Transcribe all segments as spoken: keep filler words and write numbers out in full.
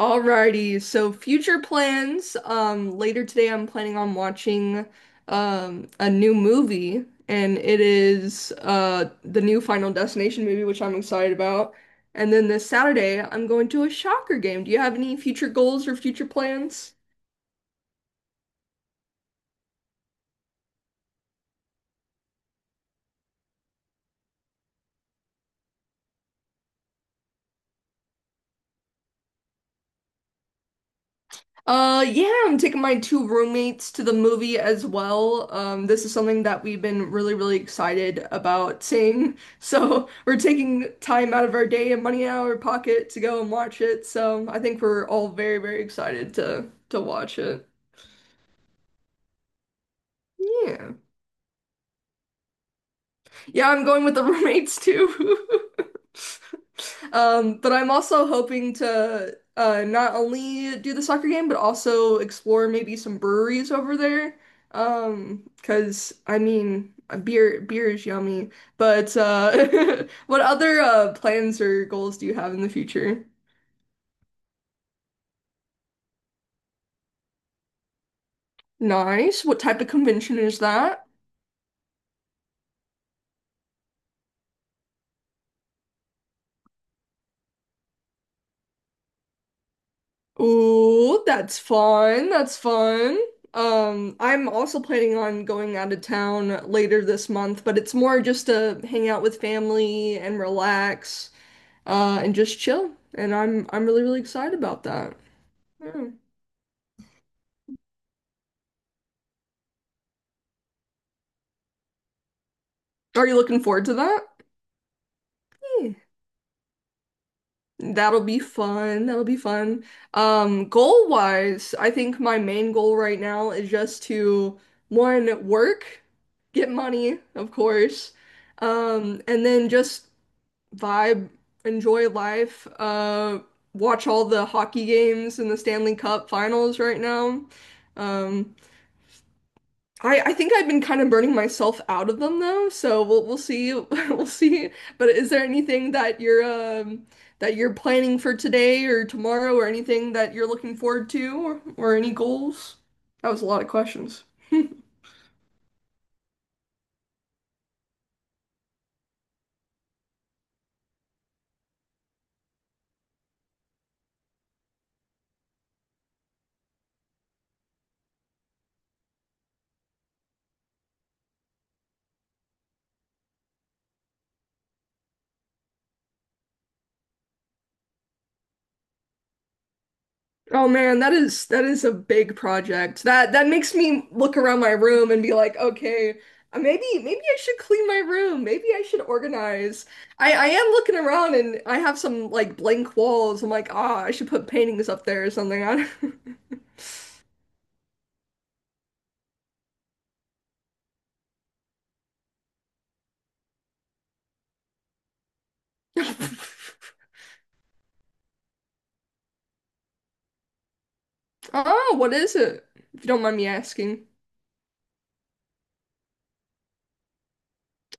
Alrighty, so future plans. Um, later today, I'm planning on watching um a new movie, and it is uh the new Final Destination movie, which I'm excited about. And then this Saturday, I'm going to a soccer game. Do you have any future goals or future plans? Uh, yeah, I'm taking my two roommates to the movie as well. Um, this is something that we've been really, really excited about seeing. So we're taking time out of our day and money out of our pocket to go and watch it. So I think we're all very, very excited to to watch it. Yeah. Yeah, I'm going with the roommates too. Um, but I'm also hoping to uh, not only do the soccer game, but also explore maybe some breweries over there. Um, 'cause I mean, uh, beer beer is yummy. But uh, what other uh, plans or goals do you have in the future? Nice. What type of convention is that? Ooh, that's fun. That's fun. Um, I'm also planning on going out of town later this month, but it's more just to hang out with family and relax, uh, and just chill. And I'm I'm really, really excited about that. Yeah. Are you looking forward to that? Yeah. That'll be fun. That'll be fun. Um, goal wise, I think my main goal right now is just to one, work, get money, of course. Um, and then just vibe, enjoy life, uh, watch all the hockey games in the Stanley Cup finals right now. Um, I, I think I've been kind of burning myself out of them though, so we'll we'll see we'll see. But is there anything that you're um, that you're planning for today or tomorrow or anything that you're looking forward to or, or any goals? That was a lot of questions. Oh man, that is that is a big project. That that makes me look around my room and be like, okay, uh, maybe maybe I should clean my room. Maybe I should organize. I I am looking around and I have some like blank walls. I'm like, ah, I should put paintings up there or something. I don't- Oh, what is it? If you don't mind me asking.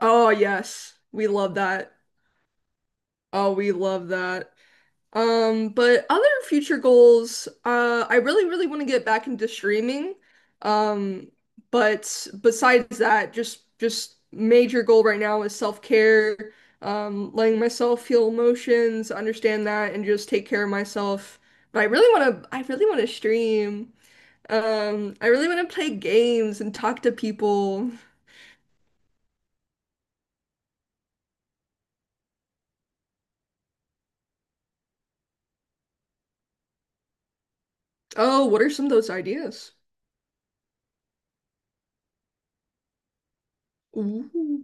Oh yes, we love that. Oh, we love that. Um, but other future goals, uh, I really, really want to get back into streaming. Um, but besides that, just just major goal right now is self-care, um, letting myself feel emotions, understand that, and just take care of myself. But I really want to, I really want to stream. Um, I really want to play games and talk to people. Oh, what are some of those ideas? Ooh.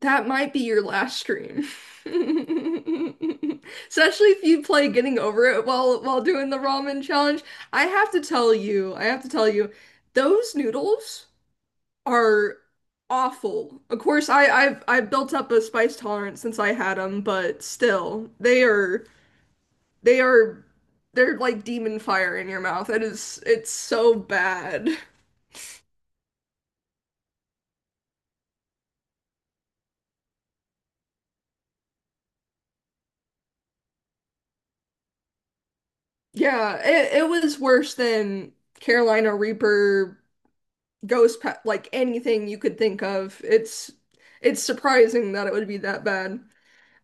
That might be your last stream. Especially if you play Getting Over It while while doing the ramen challenge. I have to tell you, I have to tell you, those noodles are awful. Of course, I, I've I've built up a spice tolerance since I had them, but still, they are they are they're like demon fire in your mouth. It is it's so bad. Yeah, it, it was worse than Carolina Reaper ghost pet, like anything you could think of. It's it's surprising that it would be that bad.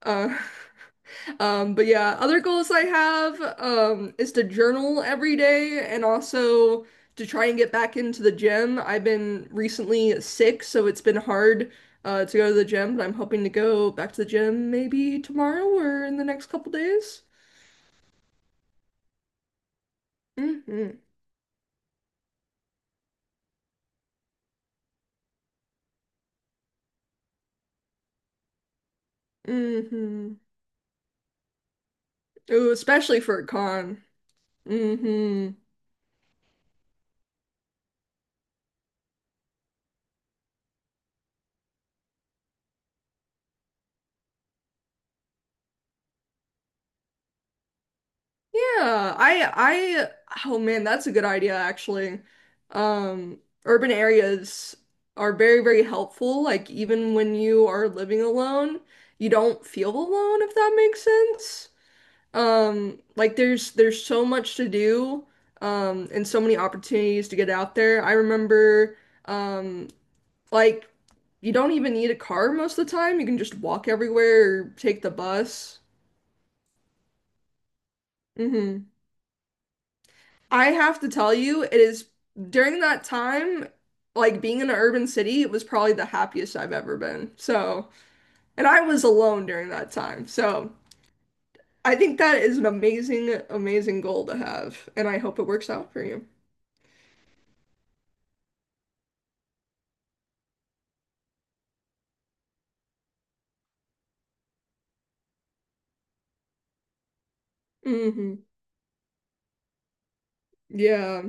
Uh, um, but yeah, other goals I have um, is to journal every day and also to try and get back into the gym. I've been recently sick, so it's been hard uh, to go to the gym, but I'm hoping to go back to the gym maybe tomorrow or in the next couple days. Mm-hmm. Mm-hmm. Ooh, especially for a con. Mm-hmm. Yeah, I I oh man, that's a good idea actually. Um, Urban areas are very, very helpful. Like even when you are living alone, you don't feel alone if that makes sense. Um, like there's there's so much to do, um, and so many opportunities to get out there. I remember um like you don't even need a car most of the time. You can just walk everywhere or take the bus. Hmm I have to tell you, it is during that time, like being in an urban city, it was probably the happiest I've ever been. So, and I was alone during that time. So, I think that is an amazing, amazing goal to have. And I hope it works out for you. Hmm Yeah.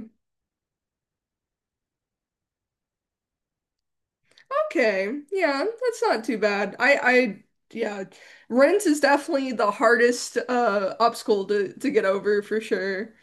Okay. Yeah, that's not too bad. I, I, yeah, rent is definitely the hardest uh obstacle to to get over for sure.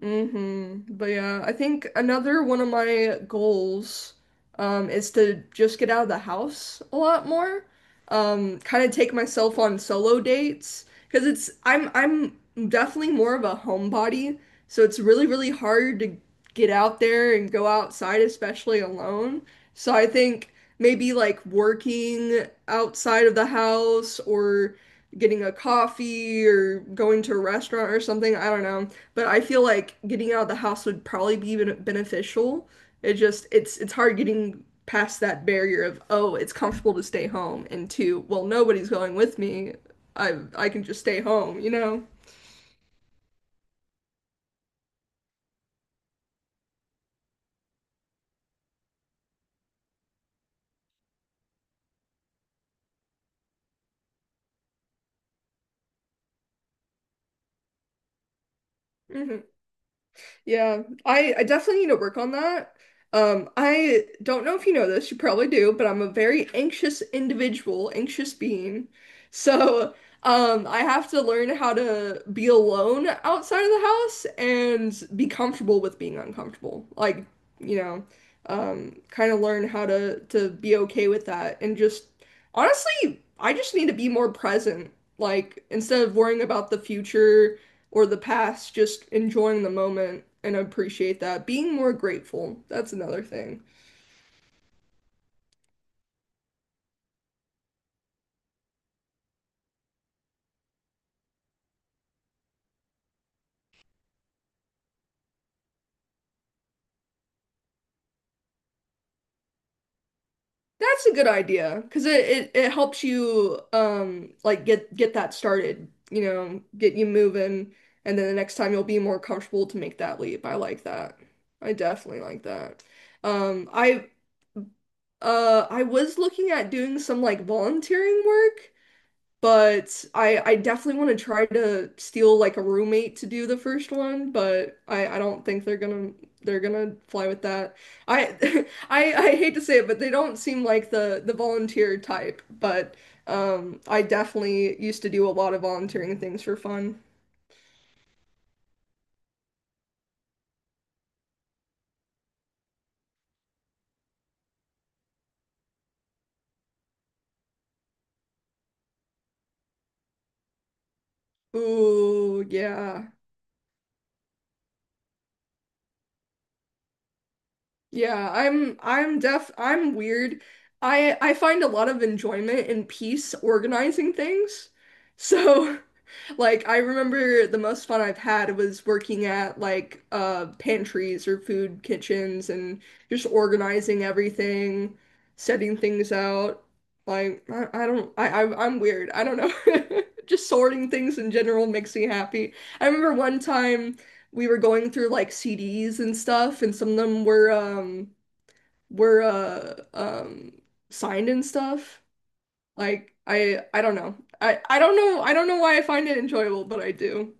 hmm But yeah, I think another one of my goals um is to just get out of the house a lot more. Um, kind of take myself on solo dates because it's I'm I'm definitely more of a homebody, so it's really really hard to get out there and go outside, especially alone. So I think maybe like working outside of the house or getting a coffee or going to a restaurant or something. I don't know. But I feel like getting out of the house would probably be ben- beneficial. It just it's it's hard getting past that barrier of, oh, it's comfortable to stay home, and two, well, nobody's going with me. I I can just stay home, you know? Hmm Yeah, I, I definitely need to work on that. Um, I don't know if you know this, you probably do, but I'm a very anxious individual, anxious being. So, um, I have to learn how to be alone outside of the house and be comfortable with being uncomfortable. Like, you know, um, kind of learn how to to be okay with that and just honestly, I just need to be more present. Like, instead of worrying about the future or the past, just enjoying the moment and appreciate that. Being more grateful, that's another thing. That's a good idea because it, it it helps you um like get get that started, you know, get you moving, and then the next time you'll be more comfortable to make that leap. I like that. I definitely like that. Um, I uh I was looking at doing some like volunteering work. But I I definitely want to try to steal like a roommate to do the first one, but I I don't think they're gonna they're gonna fly with that. I I I hate to say it, but they don't seem like the the volunteer type, but um I definitely used to do a lot of volunteering things for fun. Ooh, yeah. Yeah, I'm I'm deaf I'm weird. I I find a lot of enjoyment and peace organizing things. So Like I remember the most fun I've had was working at like uh pantries or food kitchens and just organizing everything, setting things out. Like I, I don't I, I I'm weird. I don't know. Just sorting things in general makes me happy. I remember one time we were going through like C Ds and stuff and some of them were um were uh um signed and stuff. Like I I don't know. I I don't know. I don't know why I find it enjoyable, but I do.